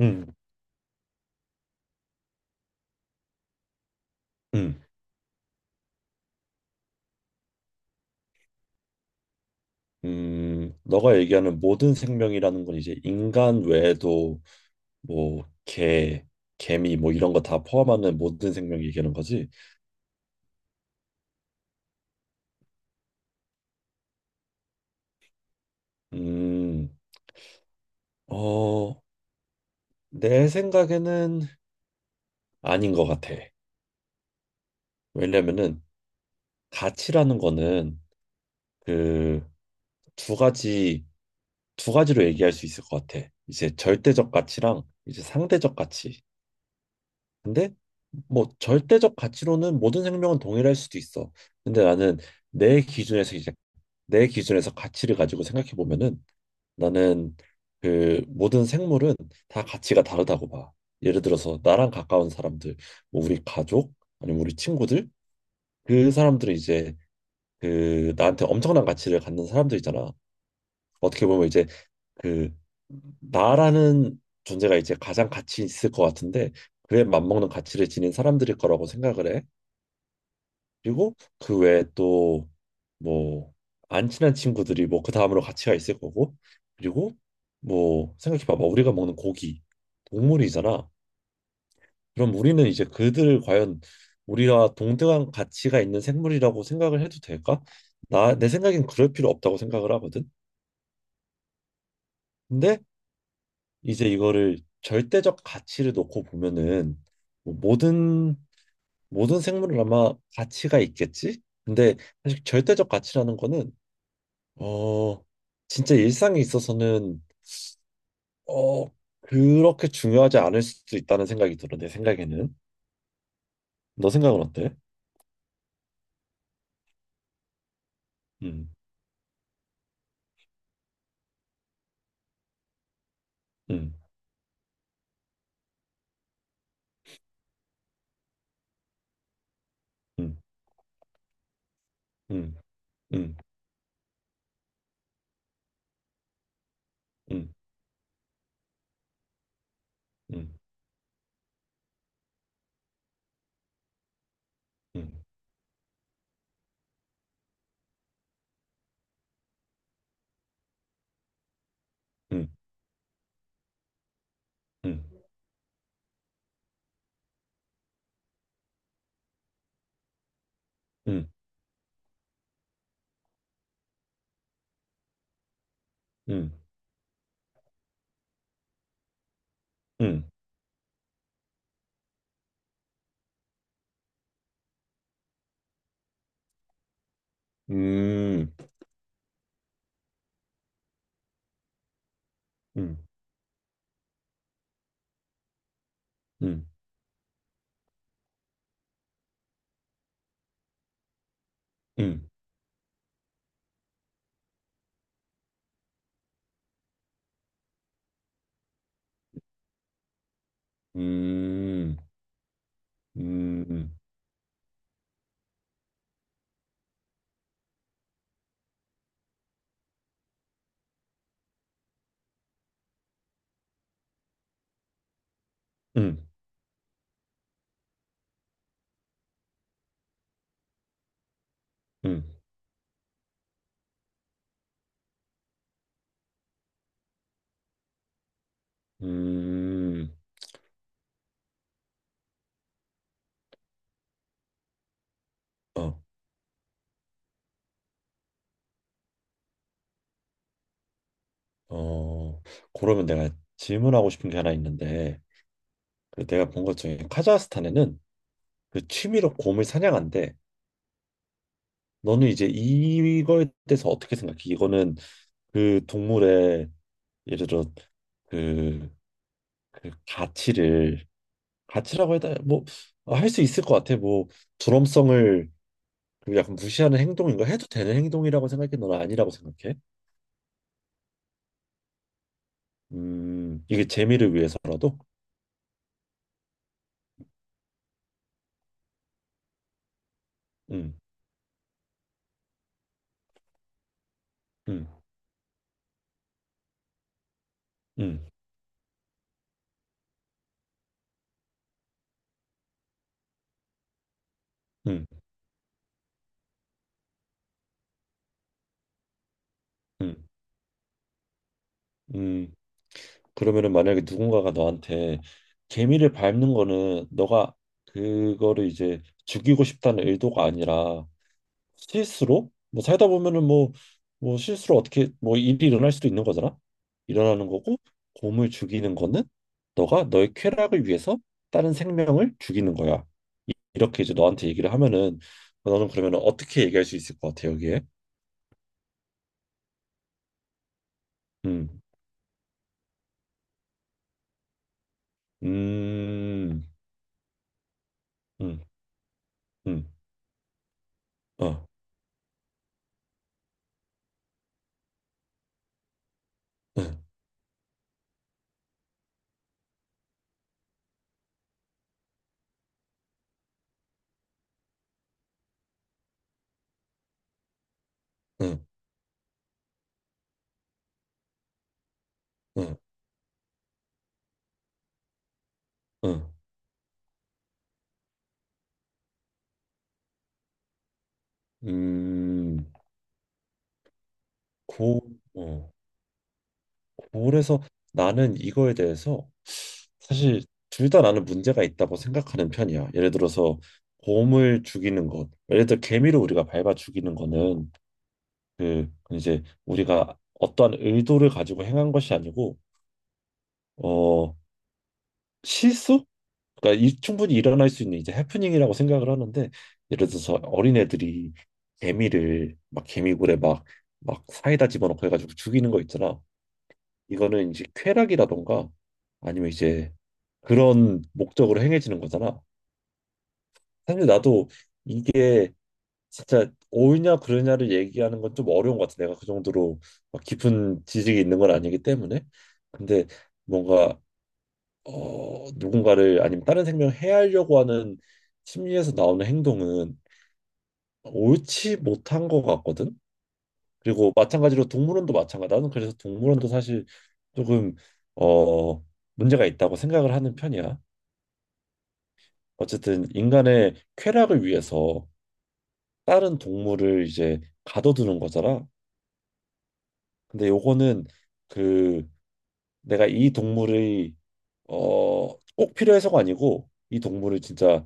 음. 음. 음. 너가 얘기하는 모든 생명이라는 건 이제 인간 외에도 뭐 개, 개미 뭐 이런 거 다 포함하는 모든 생명 얘기하는 거지? 음. 어, 내 생각에는 아닌 것 같아. 왜냐면은 가치라는 거는 그 두 가지 두 가지로 얘기할 수 있을 것 같아. 이제 절대적 가치랑 이제 상대적 가치. 근데 뭐 절대적 가치로는 모든 생명은 동일할 수도 있어. 근데 나는 내 기준에서 이제 내 기준에서 가치를 가지고 생각해 보면은 나는 그 모든 생물은 다 가치가 다르다고 봐. 예를 들어서 나랑 가까운 사람들, 뭐 우리 가족 아니면 우리 친구들 그 사람들은 이제 그 나한테 엄청난 가치를 갖는 사람들이잖아. 어떻게 보면 이제 그 나라는 존재가 이제 가장 가치 있을 것 같은데 그에 맞먹는 가치를 지닌 사람들일 거라고 생각을 해. 그리고 그 외에 또 뭐 안 친한 친구들이 뭐 그 다음으로 같이 가 있을 거고 그리고 뭐 생각해 봐봐 우리가 먹는 고기 동물이잖아. 그럼 우리는 이제 그들을 과연 우리와 동등한 가치가 있는 생물이라고 생각을 해도 될까? 나 내 생각엔 그럴 필요 없다고 생각을 하거든. 근데 이제 이거를 절대적 가치를 놓고 보면은 뭐 모든 생물은 아마 가치가 있겠지? 근데 사실 절대적 가치라는 거는 어, 진짜 일상에 있어서는 어, 그렇게 중요하지 않을 수도 있다는 생각이 들어. 내 생각에는. 너 생각은 어때? 음, 음, 음, 음, 음, 음, 음, 음, 음, 음, 음, 음, 음, 음, 음, 음, 음, 음, 음, 음, 음, 음. 어, 어, 그러면 내가 질문하고 싶은 게 하나 있는데, 그 내가 본 것 중에 카자흐스탄에는 그 취미로 곰을 사냥한대. 너는 이제 이거에 대해서 어떻게 생각해? 이거는 그 동물의 예를 들어 그, 그 가치를 가치라고 해야 뭐할 수 있을 것 같아. 뭐 존엄성을 그 약간 무시하는 행동인 가 해도 되는 행동이라고 생각해? 너는 아니라고 생각해? 음, 이게 재미를 위해서라도? 음, 음, 음, 음, 음, 음. 그러면은 만약에 누군가가 너한테 개미를 밟는 거는 너가 그거를 이제 죽이고 싶다는 의도가 아니라 실수로 뭐 살다 보면은 뭐 실수로 어떻게 뭐 일이 일어날 수도 있는 거잖아. 일어나는 거고, 곰을 죽이는 거는 너가 너의 쾌락을 위해서 다른 생명을 죽이는 거야. 이렇게 이제 너한테 얘기를 하면은 너는 그러면 어떻게 얘기할 수 있을 것 같아, 여기에? 음, 음, 음, 음, 어, 응, 응, 응, 응. 음, 고, 어, 그래서 나는 이거에 대해서 사실 둘 다 나는 문제가 있다고 생각하는 편이야. 예를 들어서 곰을 죽이는 것, 예를 들어 개미를 우리가 밟아 죽이는 거는 그 이제 우리가 어떠한 의도를 가지고 행한 것이 아니고 어 실수? 그러니까 충분히 일어날 수 있는 이제 해프닝이라고 생각을 하는데, 예를 들어서 어린애들이 개미를 막 개미굴에 막 사이다 집어넣고 해가지고 죽이는 거 있잖아. 이거는 이제 쾌락이라던가 아니면 이제 그런 목적으로 행해지는 거잖아. 사실 나도 이게 진짜 옳냐 그르냐를 얘기하는 건 좀 어려운 것 같아. 내가 그 정도로 막 깊은 지식이 있는 건 아니기 때문에. 근데 뭔가 누군가를 아니면 다른 생명을 해하려고 하는 심리에서 나오는 행동은 옳지 못한 것 같거든. 그리고 마찬가지로 동물원도 마찬가지다. 나는 그래서 동물원도 사실 조금 어 문제가 있다고 생각을 하는 편이야. 어쨌든 인간의 쾌락을 위해서 다른 동물을 이제 가둬두는 거잖아. 근데 요거는 그 내가 이 동물의 어꼭 필요해서가 아니고 이 동물을 진짜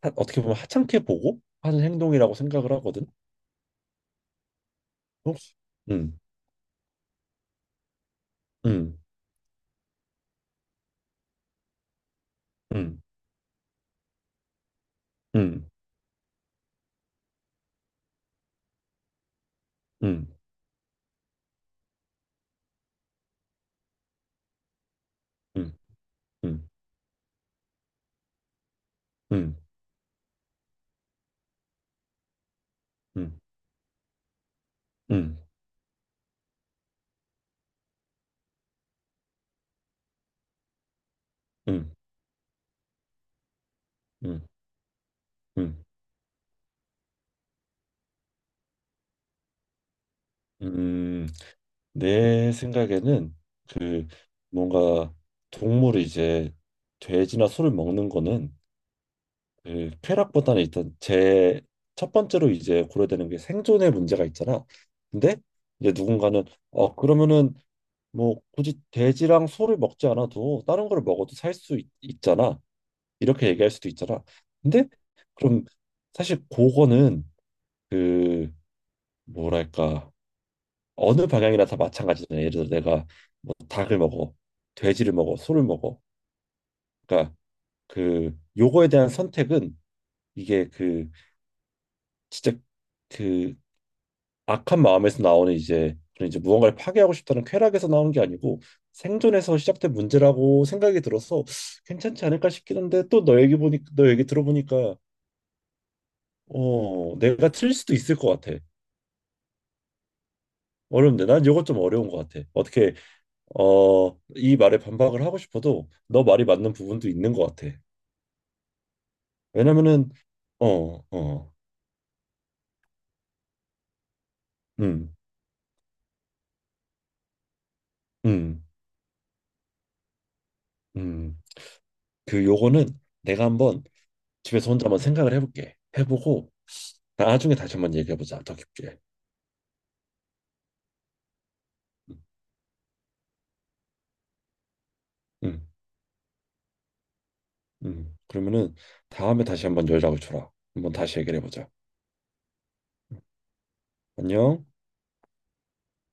어떻게 보면 하찮게 보고 하는 행동이라고 생각을 하거든. 혹시 음, 음, 음, 음, 음, 음, 음, 음, 음, 음, 음. 음. 음, 음, 음, 내 생각에는 그 뭔가 동물이 이제 돼지나 소를 먹는 거는 그 쾌락보다는 일단 제 첫 번째로 이제 고려되는 게 생존의 문제가 있잖아. 근데 이제 누군가는 그러면은 뭐 굳이 돼지랑 소를 먹지 않아도 다른 걸 먹어도 살 수 있잖아. 이렇게 얘기할 수도 있잖아. 근데 그럼 사실 그거는 그 뭐랄까 어느 방향이나 다 마찬가지잖아요. 예를 들어 내가 뭐 닭을 먹어, 돼지를 먹어, 소를 먹어. 그러니까 그 요거에 대한 선택은 이게 그 진짜 그 악한 마음에서 나오는 이제 그런 이제 무언가를 파괴하고 싶다는 쾌락에서 나오는 게 아니고 생존에서 시작된 문제라고 생각이 들어서 괜찮지 않을까 싶긴 한데, 또 너 얘기 들어보니까 내가 틀릴 수도 있을 것 같아. 어려운데 난 요거 좀 어려운 것 같아. 이 말에 반박을 하고 싶어도 너 말이 맞는 부분도 있는 것 같아. 왜냐면은, 어, 어, 음, 음, 음. 그 요거는 내가 한번 집에서 혼자 한번 생각을 해볼게. 해보고 나중에 다시 한번 얘기해보자. 더 깊게. 음, 음. 음. 그러면은 다음에 다시 한번 연락을 줘라. 한번 다시 얘기를 해보자. 안녕.